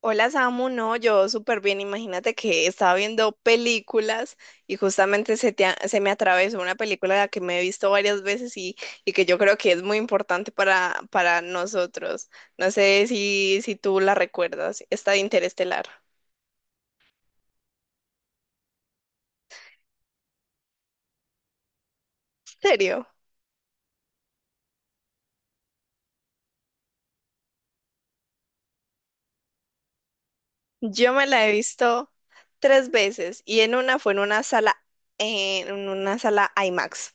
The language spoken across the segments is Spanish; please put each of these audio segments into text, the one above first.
Hola Samu, no, yo súper bien. Imagínate que estaba viendo películas y justamente se me atravesó una película que me he visto varias veces y que yo creo que es muy importante para nosotros. No sé si tú la recuerdas, esta de Interestelar. ¿En serio? Yo me la he visto tres veces y en una fue en una sala IMAX.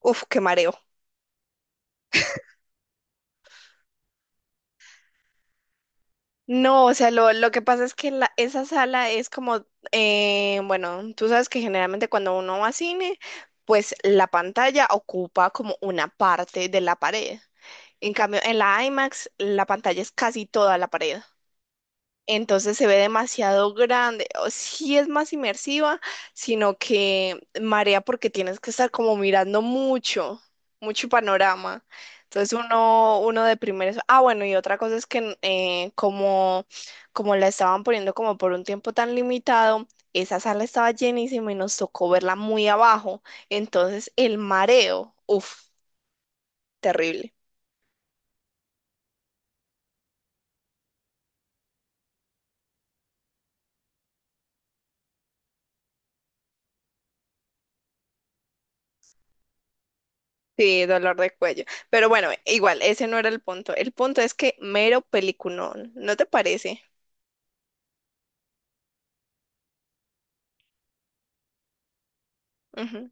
Uf, qué mareo. No, o sea, lo que pasa es que esa sala es como, bueno, tú sabes que generalmente cuando uno va a cine, pues la pantalla ocupa como una parte de la pared. En cambio, en la IMAX, la pantalla es casi toda la pared. Entonces se ve demasiado grande. O sí es más inmersiva, sino que marea porque tienes que estar como mirando mucho, mucho panorama. Entonces uno de primeros. Ah, bueno, y otra cosa es que como, como la estaban poniendo como por un tiempo tan limitado, esa sala estaba llenísima y nos tocó verla muy abajo. Entonces el mareo, uff, terrible. Sí, dolor de cuello. Pero bueno, igual, ese no era el punto. El punto es que mero peliculón, ¿no te parece? Ujú.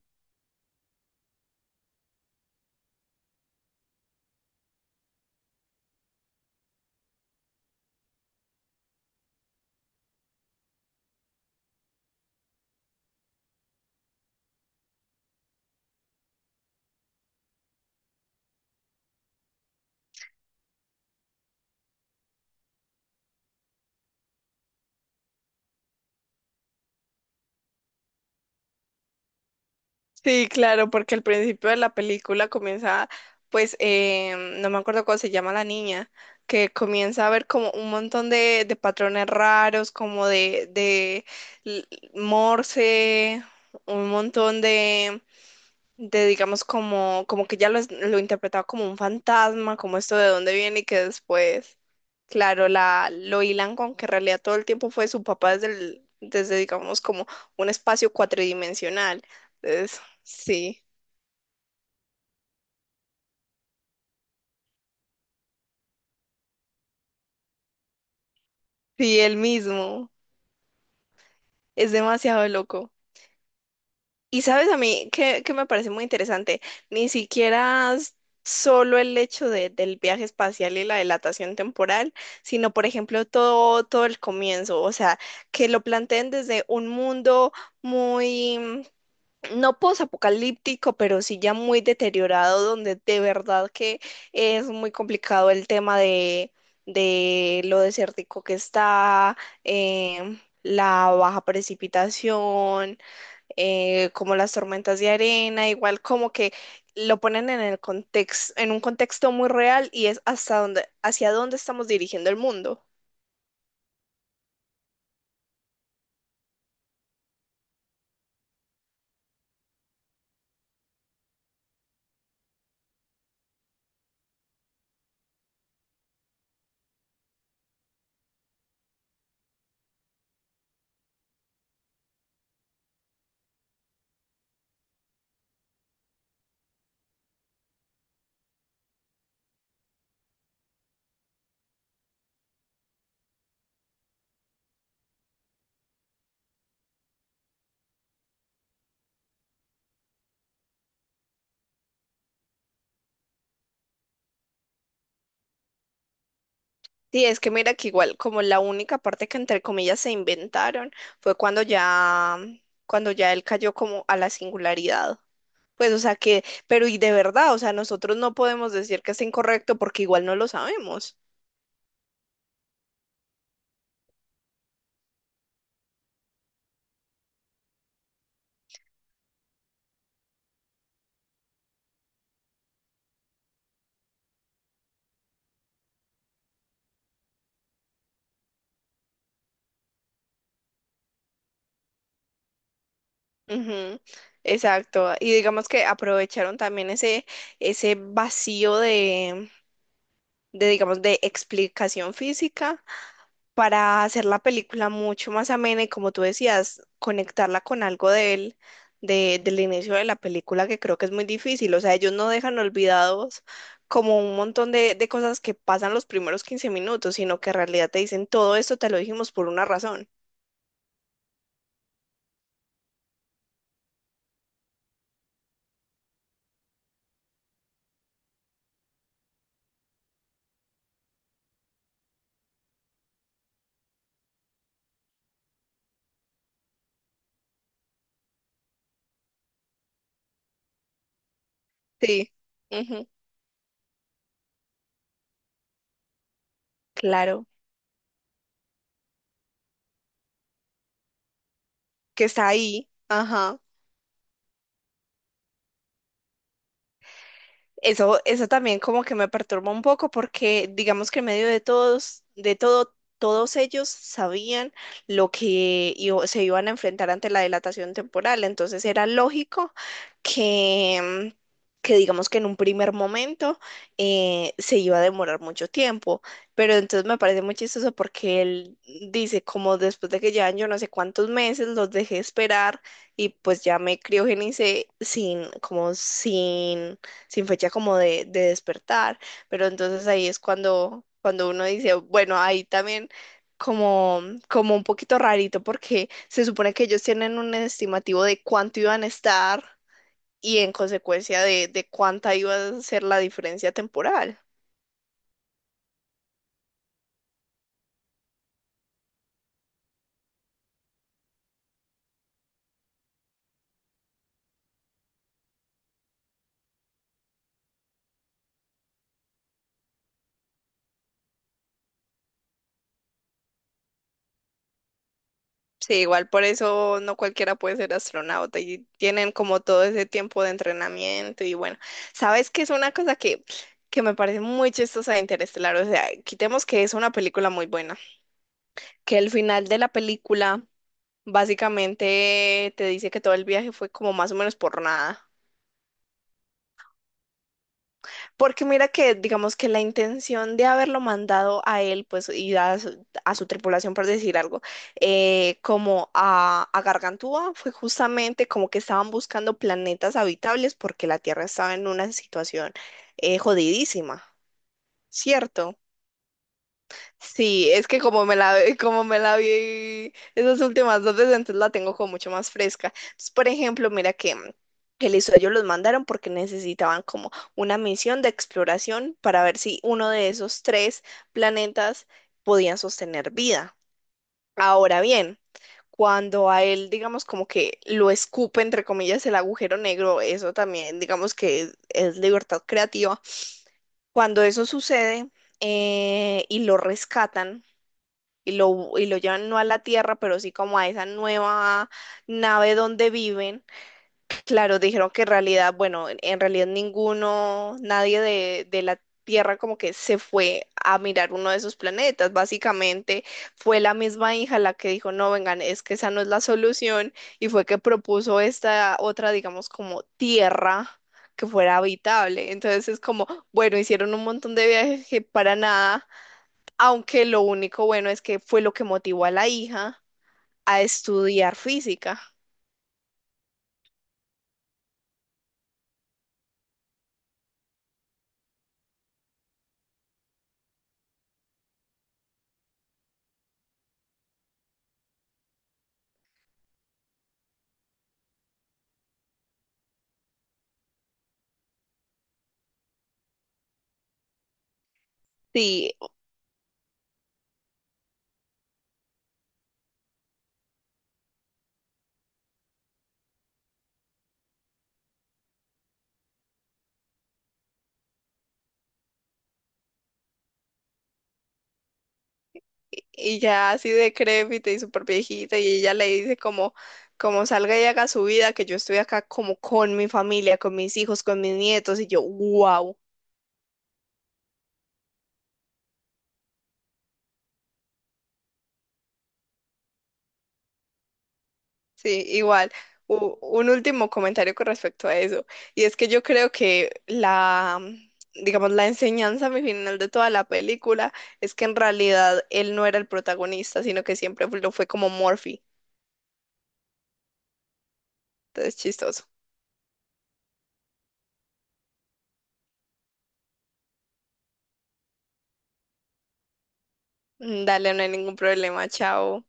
Sí, claro, porque al principio de la película comienza, pues, no me acuerdo cómo se llama la niña, que comienza a ver como un montón de patrones raros, como l- Morse, un montón de digamos como, como que ya lo interpretaba como un fantasma, como esto de dónde viene y que después, claro, lo hilan con que en realidad todo el tiempo fue su papá desde digamos como un espacio cuatridimensional. Entonces, sí, sí, él mismo. Es demasiado loco. Y sabes a mí que me parece muy interesante, ni siquiera s- solo el hecho del viaje espacial y la dilatación temporal, sino por ejemplo todo el comienzo, o sea, que lo planteen desde un mundo muy, no posapocalíptico, pero sí ya muy deteriorado, donde de verdad que es muy complicado el tema de lo desértico que está, la baja precipitación como las tormentas de arena, igual como que lo ponen en el contexto, en un contexto muy real y es hasta dónde, hacia dónde estamos dirigiendo el mundo. Sí, es que mira que igual como la única parte que entre comillas se inventaron fue cuando ya él cayó como a la singularidad. Pues, o sea que, pero y de verdad, o sea, nosotros no podemos decir que es incorrecto porque igual no lo sabemos. Ujú. Exacto. Y digamos que aprovecharon también ese vacío digamos, de explicación física para hacer la película mucho más amena y como tú decías, conectarla con algo de él, del inicio de la película, que creo que es muy difícil. O sea, ellos no dejan olvidados como un montón de cosas que pasan los primeros 15 minutos, sino que en realidad te dicen, todo esto te lo dijimos por una razón. Sí. Ujú. Claro, que está ahí. Ajá. Eso también como que me perturba un poco porque digamos que en medio de todos, de todo, todos ellos sabían lo que se iban a enfrentar ante la dilatación temporal. Entonces era lógico que, que digamos que en un primer momento se iba a demorar mucho tiempo. Pero entonces me parece muy chistoso porque él dice como después de que llevan yo no sé cuántos meses los dejé esperar y pues ya me criogenicé sin, como sin sin fecha como de despertar, pero entonces ahí es cuando, cuando uno dice, bueno, ahí también como, como un poquito rarito porque se supone que ellos tienen un estimativo de cuánto iban a estar y en consecuencia de cuánta iba a ser la diferencia temporal. Sí, igual por eso no cualquiera puede ser astronauta y tienen como todo ese tiempo de entrenamiento y bueno, sabes que es una cosa que me parece muy chistosa de Interestelar, o sea, quitemos que es una película muy buena. Que el final de la película básicamente te dice que todo el viaje fue como más o menos por nada. Porque mira que, digamos que la intención de haberlo mandado a él, pues, y a a su tripulación, por decir algo, como a Gargantúa, fue justamente como que estaban buscando planetas habitables porque la Tierra estaba en una situación jodidísima, ¿cierto? Sí, es que como me la, como me la vi esas últimas dos veces, entonces la tengo como mucho más fresca. Entonces, por ejemplo, mira que, mm, que listo, ellos los mandaron porque necesitaban como una misión de exploración para ver si uno de esos tres planetas podía sostener vida. Ahora bien, cuando a él, digamos, como que lo escupe, entre comillas, el agujero negro, eso también, digamos que es libertad creativa. Cuando eso sucede y lo rescatan, y lo llevan no a la Tierra, pero sí como a esa nueva nave donde viven. Claro, dijeron que en realidad, bueno, en realidad ninguno, nadie de la Tierra como que se fue a mirar uno de esos planetas. Básicamente fue la misma hija la que dijo, no, vengan, es que esa no es la solución y fue que propuso esta otra, digamos, como Tierra que fuera habitable. Entonces es como, bueno, hicieron un montón de viajes que para nada, aunque lo único bueno es que fue lo que motivó a la hija a estudiar física. Sí, y ya así decrépita y súper viejita, y ella le dice como, como salga y haga su vida, que yo estoy acá como con mi familia, con mis hijos, con mis nietos, y yo, wow, sí, igual. U- un último comentario con respecto a eso, y es que yo creo que digamos, la enseñanza mi final de toda la película es que en realidad él no era el protagonista, sino que siempre lo fue como Murphy, entonces chistoso. Mm, dale, no hay ningún problema, chao.